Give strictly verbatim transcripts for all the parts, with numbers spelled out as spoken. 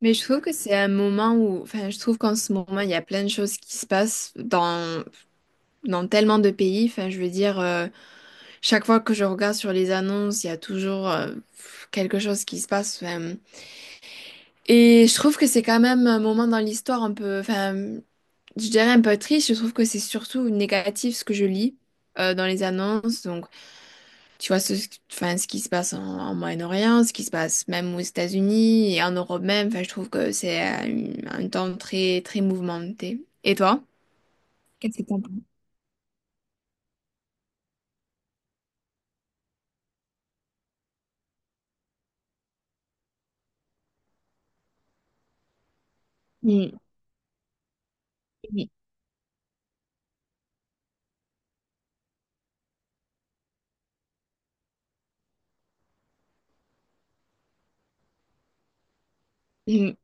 Mais je trouve que c'est un moment où, enfin, je trouve qu'en ce moment, il y a plein de choses qui se passent dans, dans tellement de pays. Enfin, je veux dire, euh, chaque fois que je regarde sur les annonces, il y a toujours euh, quelque chose qui se passe. Enfin, et je trouve que c'est quand même un moment dans l'histoire un peu, enfin, je dirais un peu triste. Je trouve que c'est surtout négatif ce que je lis euh, dans les annonces. Donc, tu vois, ce, enfin, ce qui se passe en, en Moyen-Orient, ce qui se passe même aux États-Unis et en Europe même, enfin, je trouve que c'est euh, une- un temps très, très mouvementé. Et toi? Qu'est-ce que t'en penses? Mm, mm, mm,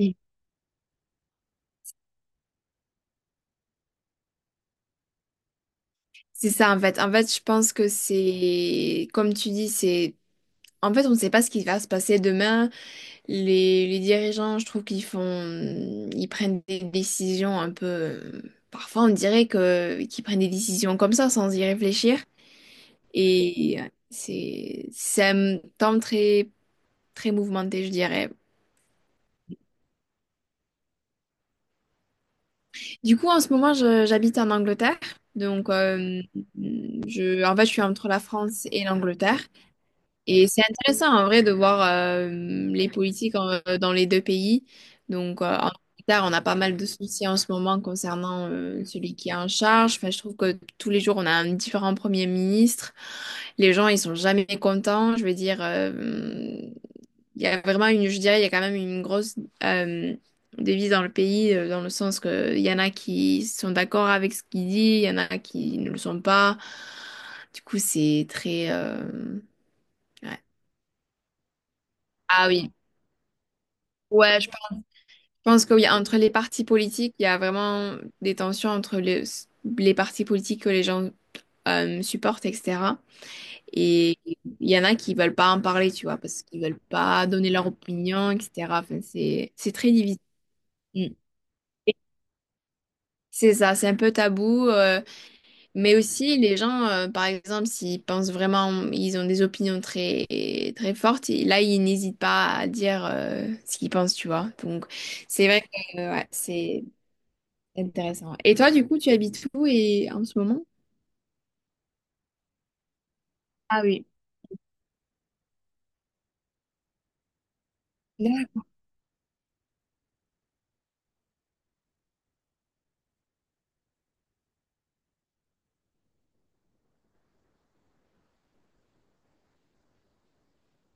mm. C'est ça, en fait. En fait, je pense que c'est, comme tu dis, c'est, en fait, on ne sait pas ce qui va se passer demain. Les, les dirigeants, je trouve qu'ils font, ils prennent des décisions un peu, parfois, on dirait que, qu'ils prennent des décisions comme ça, sans y réfléchir. Et c'est c'est un temps très très mouvementé, je dirais. Du coup, en ce moment, je- j'habite en Angleterre. Donc, euh, je, en fait, je suis entre la France et l'Angleterre. Et c'est intéressant, en vrai, de voir euh, les politiques en- dans les deux pays. Donc, euh, en Angleterre, on a pas mal de soucis en ce moment concernant euh, celui qui est en charge. Enfin, je trouve que tous les jours, on a un différent premier ministre. Les gens, ils sont jamais contents. Je veux dire, euh, il y a vraiment une, je dirais, il y a quand même une grosse euh, devise dans le pays, euh, dans le sens que il y en a qui sont d'accord avec ce qu'il dit, il y en a qui ne le sont pas. Du coup, c'est très... euh, ouais. Ah oui. Ouais, je pense je pense que oui, entre les partis politiques, il y a vraiment des tensions entre les, les partis politiques que les gens euh, supportent, etcétéra. Et il y en a qui veulent pas en parler, tu vois, parce qu'ils veulent pas donner leur opinion, etcétéra. Enfin, c'est c'est très difficile. Mm. C'est ça, c'est un peu tabou, euh, mais aussi les gens, euh, par exemple, s'ils pensent vraiment, ils ont des opinions très très fortes, et là, ils n'hésitent pas à dire euh, ce qu'ils pensent, tu vois. Donc, c'est vrai que euh, ouais, c'est intéressant. Et toi, du coup, tu habites où et en ce moment? Ah oui.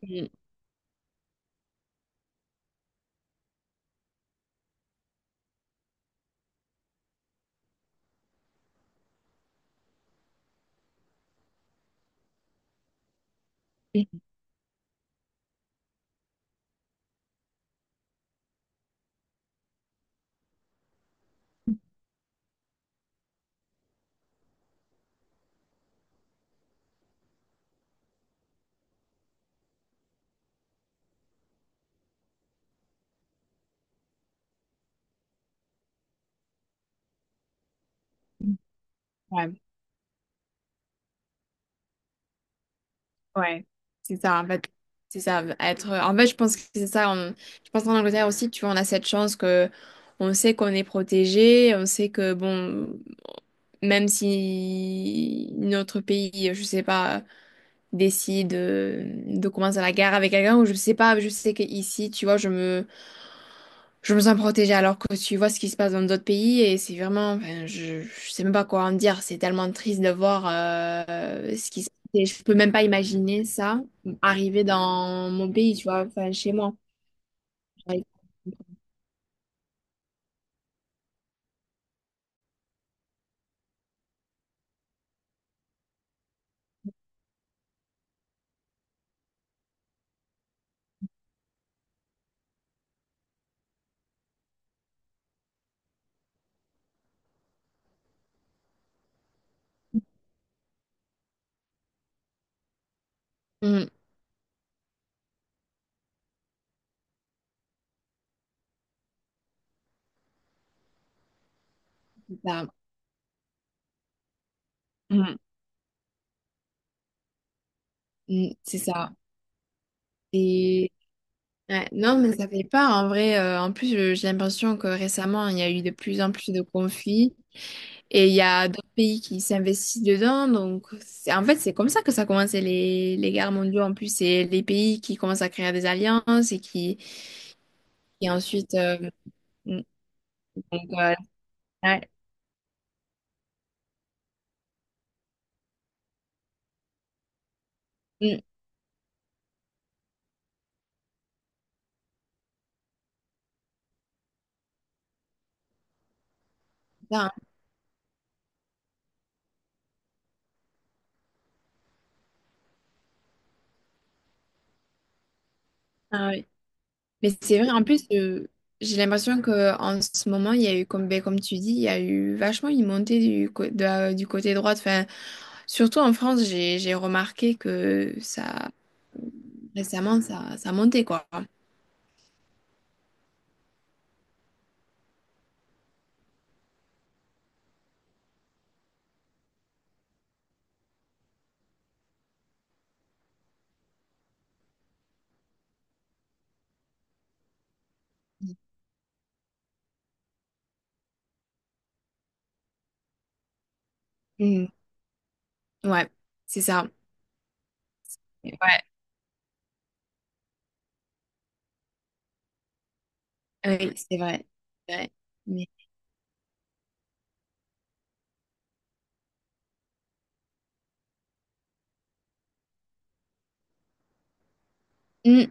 D'accord. Ouais, c'est ça, en fait. C'est ça, être... En fait, je pense que c'est ça. on- Je pense qu'en Angleterre aussi, tu vois, on a cette chance que on sait qu'on est protégé, on sait que, bon, même si notre pays, je sais pas décide euh, de commencer la guerre avec quelqu'un ou je sais pas, je sais qu'ici, tu vois, je me, je me sens protégée alors que tu vois ce qui se passe dans d'autres pays et c'est vraiment, enfin, je, je sais même pas quoi en dire, c'est tellement triste de voir euh, ce qui se passe et je peux même pas imaginer ça arriver dans mon pays, tu vois, enfin chez moi. Mm, c'est ça. Mm, mm, c'est ça. Et ouais, non, mais ça fait pas en vrai. Euh, en plus, je- j'ai l'impression que récemment, il y a eu de plus en plus de conflits. Et il y a d'autres pays qui s'investissent dedans. Donc, c'est- en fait, c'est comme ça que ça commence les, les guerres mondiales. En plus, c'est les pays qui commencent à créer des alliances et qui, et ensuite. euh, mm, donc, euh, ouais, mm, ça, ah oui. Mais c'est vrai, en plus, euh, j'ai l'impression qu'en ce moment, il y a eu, comme, ben, comme tu dis, il y a eu vachement une montée du, co- de- la- du côté droit. Enfin, surtout en France, j'ai, j'ai remarqué que ça, récemment, ça, ça montait, quoi. Mm. Ouais, c'est ça. Ouais, oui, c'est vrai. c'est vrai. Mais- Mm.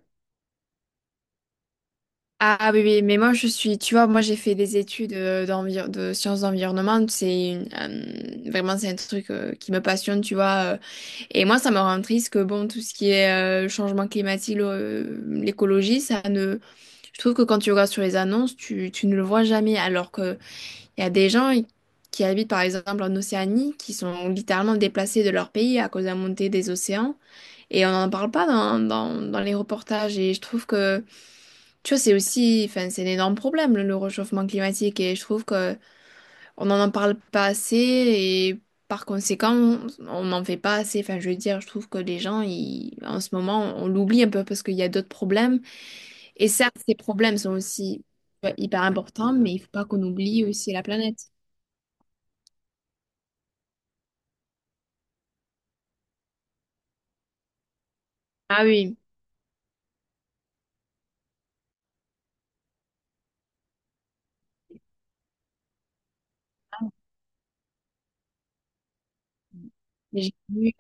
Ah oui, oui, mais moi je suis, tu vois, moi j'ai fait des études euh, d'envir- de sciences d'environnement, c'est une, euh, vraiment c'est un truc euh, qui me passionne, tu vois. euh. Et moi ça me rend triste que bon, tout ce qui est euh, changement climatique, le- euh, l'écologie, ça ne... Je trouve que quand tu regardes sur les annonces, tu, tu ne le vois jamais, alors qu'il y a des gens qui habitent par exemple en Océanie, qui sont littéralement déplacés de leur pays à cause de la montée des océans. Et on n'en parle pas dans, dans, dans les reportages. Et je trouve que, tu vois, c'est aussi, enfin, c'est un énorme problème, le, le réchauffement climatique. Et je trouve que on n'en parle pas assez. Et par conséquent, on n'en fait pas assez. Enfin, je veux dire, je trouve que les gens, ils, en ce moment, on l'oublie un peu parce qu'il y a d'autres problèmes. Et certes, ces problèmes sont aussi tu vois, hyper importants, mais il faut pas qu'on oublie aussi la planète. Ah oui, mais j'ai vu.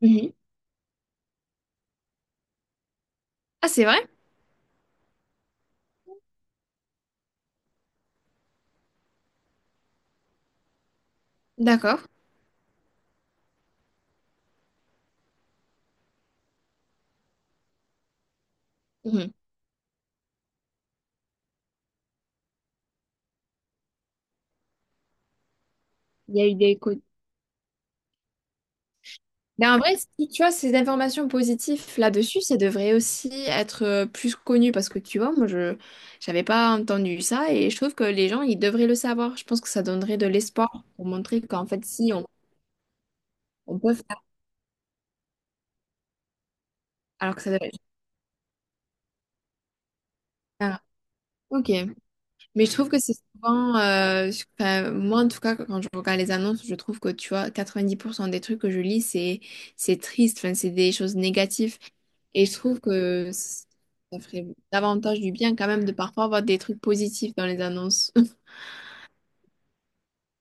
Mhm. Ah, c'est vrai? D'accord. Mhm. Il y a eu des, co- Mais en vrai, si tu as ces informations positives là-dessus, ça devrait aussi être euh, plus connu parce que tu vois, moi, je j'avais pas entendu ça et je trouve que les gens, ils devraient le savoir. Je pense que ça donnerait de l'espoir pour montrer qu'en fait, si on, on peut faire, alors que ça devrait. Ah, ok. Mais je trouve que c'est souvent, euh, je- enfin, moi en tout cas, quand je regarde les annonces, je trouve que tu vois, quatre-vingt-dix pour cent des trucs que je lis, c'est c'est triste, enfin, c'est des choses négatives. Et je trouve que c- ça ferait davantage du bien quand même de parfois avoir des trucs positifs dans les annonces.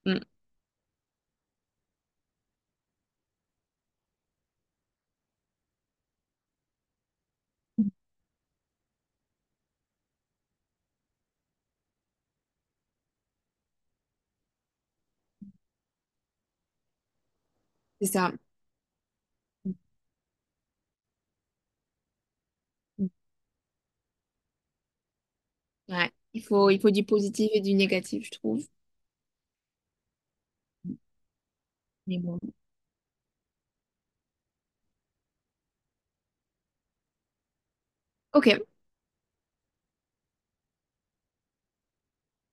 Mm, c'est ça. Ouais. Il faut, il faut du positif et du négatif, je trouve. Mais bon. Ok,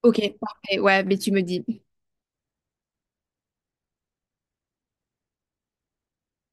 ok, parfait. Ouais, mais tu me dis.